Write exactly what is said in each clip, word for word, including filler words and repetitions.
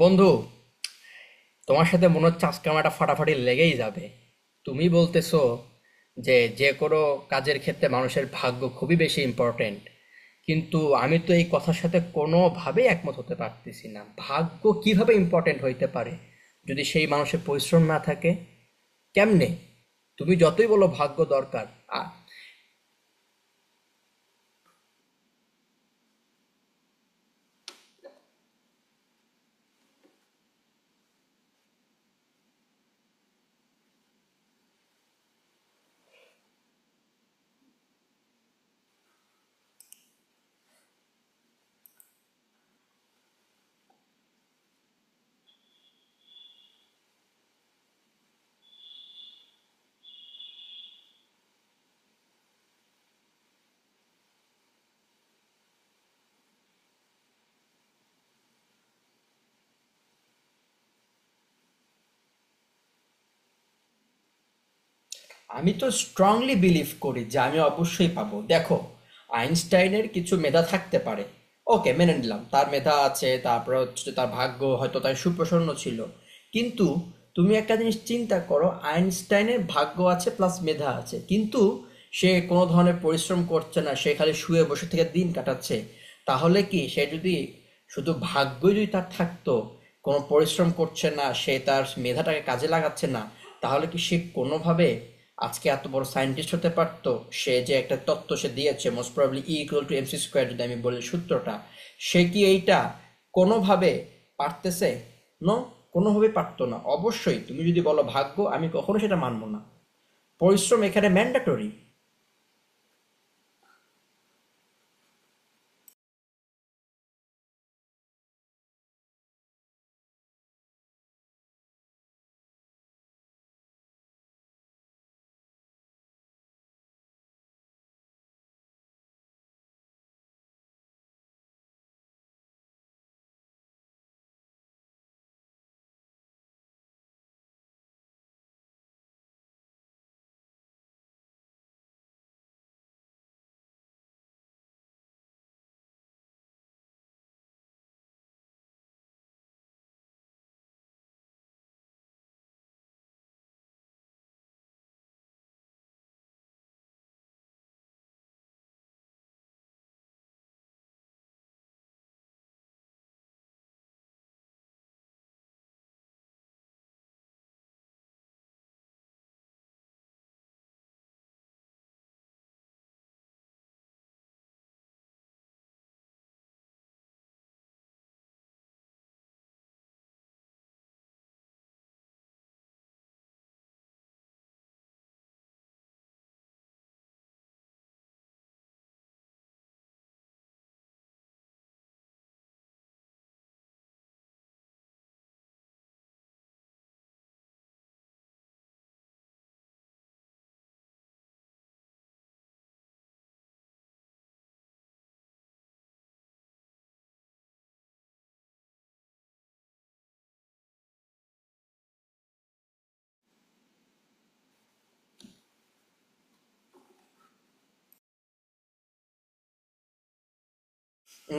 বন্ধু, তোমার সাথে মনে হচ্ছে আজকে আমার একটা ফাটাফাটি লেগেই যাবে। তুমি বলতেছো যে যে কোনো কাজের ক্ষেত্রে মানুষের ভাগ্য খুবই বেশি ইম্পর্টেন্ট, কিন্তু আমি তো এই কথার সাথে কোনোভাবেই একমত হতে পারতেছি না। ভাগ্য কিভাবে ইম্পর্টেন্ট হইতে পারে যদি সেই মানুষের পরিশ্রম না থাকে? কেমনে? তুমি যতই বলো ভাগ্য দরকার। আ- আমি তো স্ট্রংলি বিলিভ করি যে আমি অবশ্যই পাবো। দেখো, আইনস্টাইনের কিছু মেধা থাকতে পারে, ওকে মেনে নিলাম তার মেধা আছে, তারপরে হচ্ছে তার ভাগ্য হয়তো তার সুপ্রসন্ন ছিল। কিন্তু তুমি একটা জিনিস চিন্তা করো, আইনস্টাইনের ভাগ্য আছে প্লাস মেধা আছে, কিন্তু সে কোনো ধরনের পরিশ্রম করছে না, সে খালি শুয়ে বসে থেকে দিন কাটাচ্ছে, তাহলে কি সে যদি শুধু ভাগ্যই যদি তার থাকতো, কোনো পরিশ্রম করছে না, সে তার মেধাটাকে কাজে লাগাচ্ছে না, তাহলে কি সে কোনোভাবে আজকে এত বড় সায়েন্টিস্ট হতে পারতো? সে যে একটা তত্ত্ব সে দিয়েছে, most probably E equal to MC square যদি আমি বলি সূত্রটা, সে কি এইটা কোনোভাবে পারতেছে? নো, কোনোভাবে পারতো না। অবশ্যই তুমি যদি বলো ভাগ্য, আমি কখনো সেটা মানবো না। পরিশ্রম এখানে ম্যান্ডেটরি।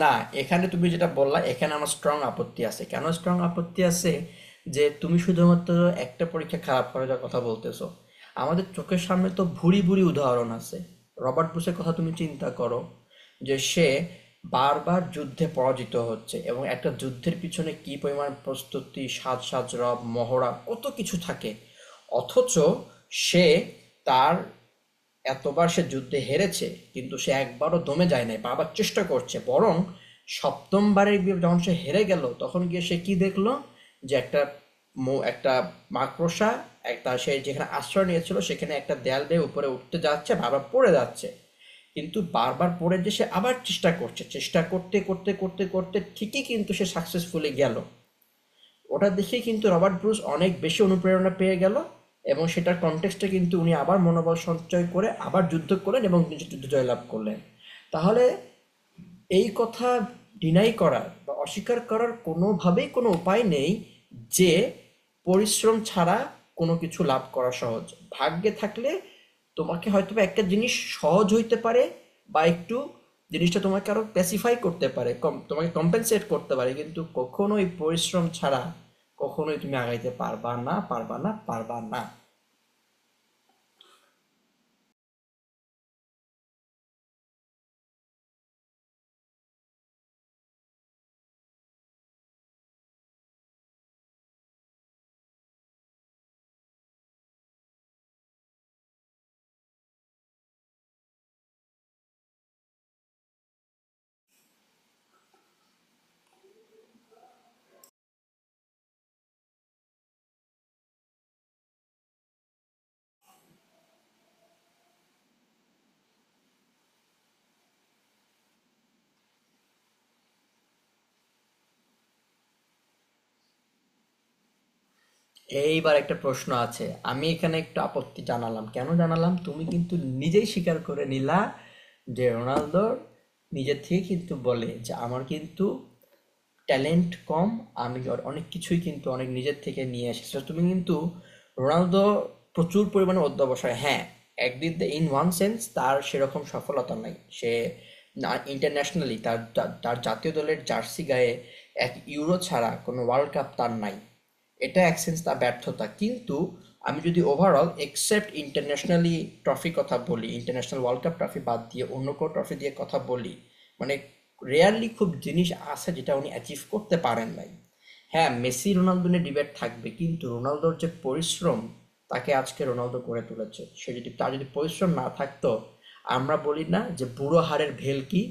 না, এখানে তুমি যেটা বললা এখানে আমার স্ট্রং আপত্তি আছে। কেন স্ট্রং আপত্তি আছে? যে তুমি শুধুমাত্র একটা পরীক্ষা খারাপ করার কথা বলতেছো। আমাদের চোখের সামনে তো ভুরি ভুরি উদাহরণ আছে। রবার্ট বুশের কথা তুমি চিন্তা করো, যে সে বারবার যুদ্ধে পরাজিত হচ্ছে, এবং একটা যুদ্ধের পিছনে কি পরিমাণ প্রস্তুতি, সাজ সাজ রব, মহড়া, কত কিছু থাকে। অথচ সে তার এতবার সে যুদ্ধে হেরেছে, কিন্তু সে একবারও দমে যায় নাই, বারবার চেষ্টা করছে। বরং সপ্তমবারে গিয়ে যখন সে হেরে গেল, তখন গিয়ে সে কি দেখল? যে একটা মৌ একটা মাকড়সা, একটা, সে যেখানে আশ্রয় নিয়েছিল সেখানে একটা দেয়াল বেয়ে উপরে উঠতে যাচ্ছে, বারবার পড়ে যাচ্ছে। কিন্তু বারবার পড়ে যে সে আবার চেষ্টা করছে। চেষ্টা করতে করতে করতে করতে ঠিকই কিন্তু সে সাকসেসফুলি গেল। ওটা দেখে কিন্তু রবার্ট ব্রুস অনেক বেশি অনুপ্রেরণা পেয়ে গেল, এবং সেটার কনটেক্সটে কিন্তু উনি আবার মনোবল সঞ্চয় করে আবার যুদ্ধ করলেন এবং যুদ্ধ জয়লাভ করলেন। তাহলে এই কথা ডিনাই করার বা অস্বীকার করার কোনোভাবেই কোনো উপায় নেই যে পরিশ্রম ছাড়া কোনো কিছু লাভ করা সহজ। ভাগ্যে থাকলে তোমাকে হয়তো বা একটা জিনিস সহজ হইতে পারে, বা একটু জিনিসটা তোমাকে আরো স্পেসিফাই করতে পারে, কম তোমাকে কম্পেনসেট করতে পারে, কিন্তু কখনোই পরিশ্রম ছাড়া কখনোই তুমি আগাইতে পারবা না, পারবা না, পারবা না। এইবার একটা প্রশ্ন আছে, আমি এখানে একটু আপত্তি জানালাম। কেন জানালাম? তুমি কিন্তু নিজেই স্বীকার করে নিলা যে রোনালদো নিজের থেকে কিন্তু বলে যে আমার কিন্তু ট্যালেন্ট কম, আমি অ- অনেক কিছুই কিন্তু অনেক নিজের থেকে নিয়ে এসেছি। So, তুমি কিন্তু, রোনালদো, প্রচুর পরিমাণে অধ্যবসায়, হ্যাঁ, একদিক দিয়ে ইন ওয়ান সেন্স তার সেরকম সফলতা নাই। সে না, ইন্টারন্যাশনালি তার তার তার জাতীয় দলের জার্সি গায়ে এক ইউরো ছাড়া কোনো ওয়ার্ল্ড কাপ তার নাই। এটা এক সেন্স তার ব্যর্থতা, কিন্তু আমি যদি ওভারঅল এক্সেপ্ট ইন্টারন্যাশনালি ট্রফি কথা বলি, ইন্টারন্যাশনাল ওয়ার্ল্ড কাপ ট্রফি বাদ দিয়ে অন্য কোনো ট্রফি দিয়ে কথা বলি, মানে রেয়ারলি খুব জিনিস আছে যেটা উনি অ্যাচিভ করতে পারেন নাই। হ্যাঁ, মেসি রোনালদো নিয়ে ডিবেট থাকবে, কিন্তু রোনালদোর যে পরিশ্রম তাকে আজকে রোনালদো করে তুলেছে। সে যদি, তার যদি পরিশ্রম না থাকতো, আমরা বলি না যে বুড়ো হাড়ের ভেলকি,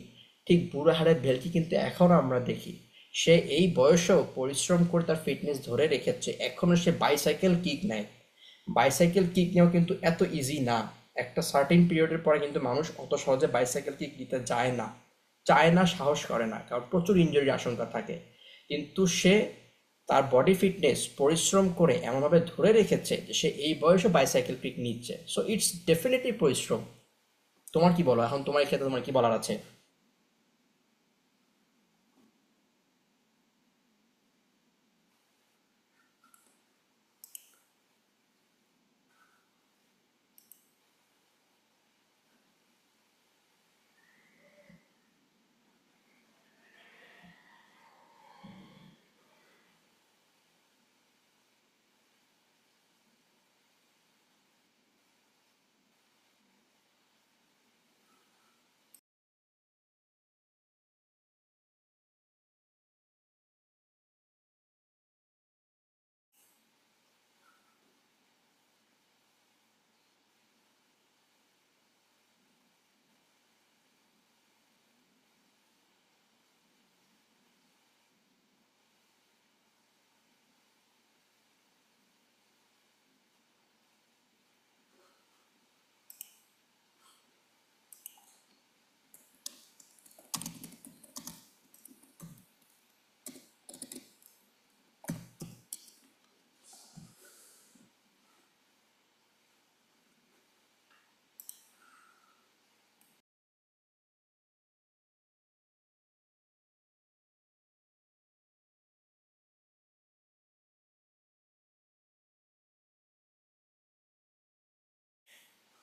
ঠিক বুড়ো হাড়ের ভেলকি কিন্তু এখনো আমরা দেখি সে এই বয়সেও পরিশ্রম করে তার ফিটনেস ধরে রেখেছে, এখনো সে বাইসাইকেল কিক নেয়। বাইসাইকেল কিক নেওয়া কিন্তু এত ইজি না, একটা সার্টেন পিরিয়ডের পরে কিন্তু মানুষ অত সহজে বাইসাইকেল কিক দিতে যায় না, চায় না, সাহস করে না, কারণ প্রচুর ইনজুরির আশঙ্কা থাকে। কিন্তু সে তার বডি ফিটনেস পরিশ্রম করে এমনভাবে ধরে রেখেছে যে সে এই বয়সে বাইসাইকেল পিক নিচ্ছে। সো ইটস ডেফিনেটলি পরিশ্রম। তোমার কি বলো, এখন তোমার ক্ষেত্রে তোমার কি বলার আছে?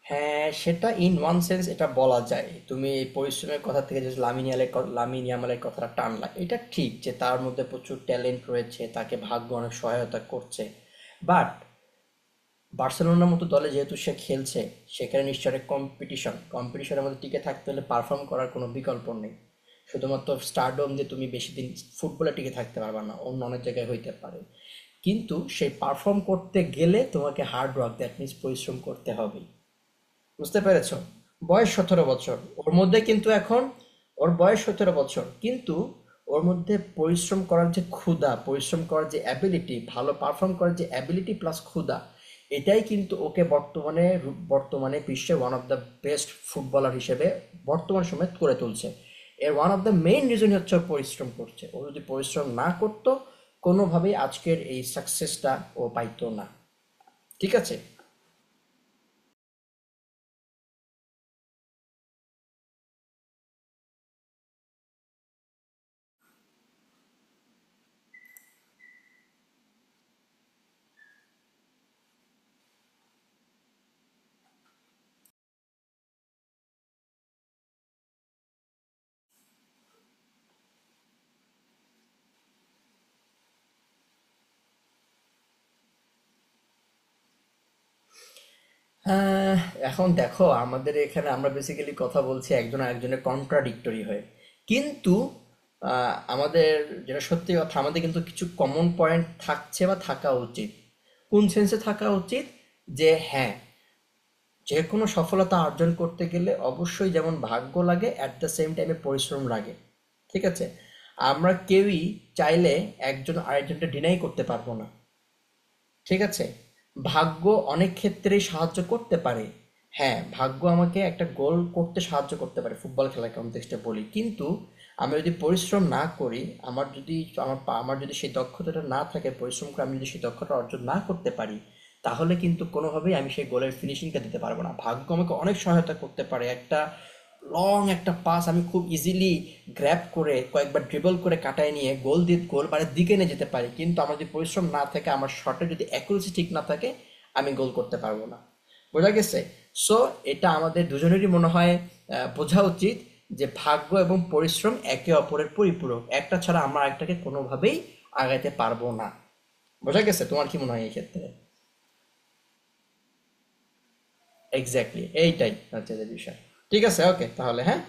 হ্যাঁ, সেটা ইন ওয়ান সেন্স এটা বলা যায়। তুমি এই পরিশ্রমের কথা থেকে যে লামিনিয়ালের লামিন ইয়ামালের কথাটা টানলা, এটা ঠিক যে তার মধ্যে প্রচুর ট্যালেন্ট রয়েছে, তাকে ভাগ্য অনেক সহায়তা করছে। বাট বার্সেলোনার মতো দলে যেহেতু সে খেলছে, সেখানে নিশ্চয় একটা কম্পিটিশন, কম্পিটিশনের মধ্যে টিকে থাকতে হলে পারফর্ম করার কোনো বিকল্প নেই। শুধুমাত্র স্টারডম দিয়ে তুমি বেশি দিন ফুটবলে টিকে থাকতে পারবে না, অন্য অনেক জায়গায় হইতে পারে, কিন্তু সেই পারফর্ম করতে গেলে তোমাকে হার্ড ওয়ার্ক দ্যাট মিনস পরিশ্রম করতে হবে। বুঝতে পেরেছো? বয়স সতেরো বছর, ওর মধ্যে কিন্তু এখন, ওর বয়স সতেরো বছর, কিন্তু ওর মধ্যে পরিশ্রম করার যে ক্ষুধা, পরিশ্রম করার যে অ্যাবিলিটি, ভালো পারফর্ম করার যে অ্যাবিলিটি প্লাস ক্ষুধা, এটাই কিন্তু ওকে বর্তমানে বর্তমানে বিশ্বের one of the best footballer হিসেবে বর্তমান সময়ে করে তুলছে। এর ওয়ান অফ দ্য মেইন রিজনই হচ্ছে ও পরিশ্রম করছে। ও যদি পরিশ্রম না করতো, কোনোভাবেই আজকের এই সাকসেসটা ও পাইতো না, ঠিক আছে? আহ এখন দেখো, আমাদের এখানে আমরা বেসিক্যালি কথা বলছি একজন আরেকজনের কন্ট্রাডিক্টরি হয়ে, কিন্তু আহ, আমাদের, যেটা সত্যি কথা, আমাদের কিন্তু কিছু কমন পয়েন্ট থাকছে বা থাকা উচিত। কোন সেন্সে থাকা উচিত? যে হ্যাঁ, যে কোনো সফলতা অর্জন করতে গেলে অবশ্যই যেমন ভাগ্য লাগে অ্যাট দ্য সেম টাইমে পরিশ্রম লাগে, ঠিক আছে? আমরা কেউই চাইলে একজন আরেকজনকে ডিনাই করতে পারবো না, ঠিক আছে? ভাগ্য অনেক ক্ষেত্রেই সাহায্য করতে পারে। হ্যাঁ, ভাগ্য আমাকে একটা গোল করতে সাহায্য করতে পারে, ফুটবল খেলার কনটেক্সটে বলি। কিন্তু আমি যদি পরিশ্রম না করি, আমার যদি, আমার পা, আমার যদি সেই দক্ষতাটা না থাকে, পরিশ্রম করে আমি যদি সেই দক্ষতা অর্জন না করতে পারি, তাহলে কিন্তু কোনোভাবেই আমি সেই গোলের ফিনিশিংটা দিতে পারবো না। ভাগ্য আমাকে অনেক সহায়তা করতে পারে, একটা লং একটা পাস আমি খুব ইজিলি গ্র্যাব করে কয়েকবার ড্রিবল করে কাটায় নিয়ে গোল দিয়ে, গোল মানে দিকে নিয়ে যেতে পারি, কিন্তু আমার যদি পরিশ্রম না থাকে, আমার শটে যদি অ্যাকুরেসি ঠিক না থাকে, আমি গোল করতে পারবো না। বোঝা গেছে? সো এটা আমাদের দুজনেরই মনে হয়, আহ, বোঝা উচিত যে ভাগ্য এবং পরিশ্রম একে অপরের পরিপূরক, একটা ছাড়া আমরা একটাকে কোনোভাবেই আগাইতে পারবো না। বোঝা গেছে? তোমার কি মনে হয় এই ক্ষেত্রে? এক্স্যাক্টলি, এইটাই হচ্ছে যে বিষয়। ঠিক আছে, ওকে, তাহলে হ্যাঁ।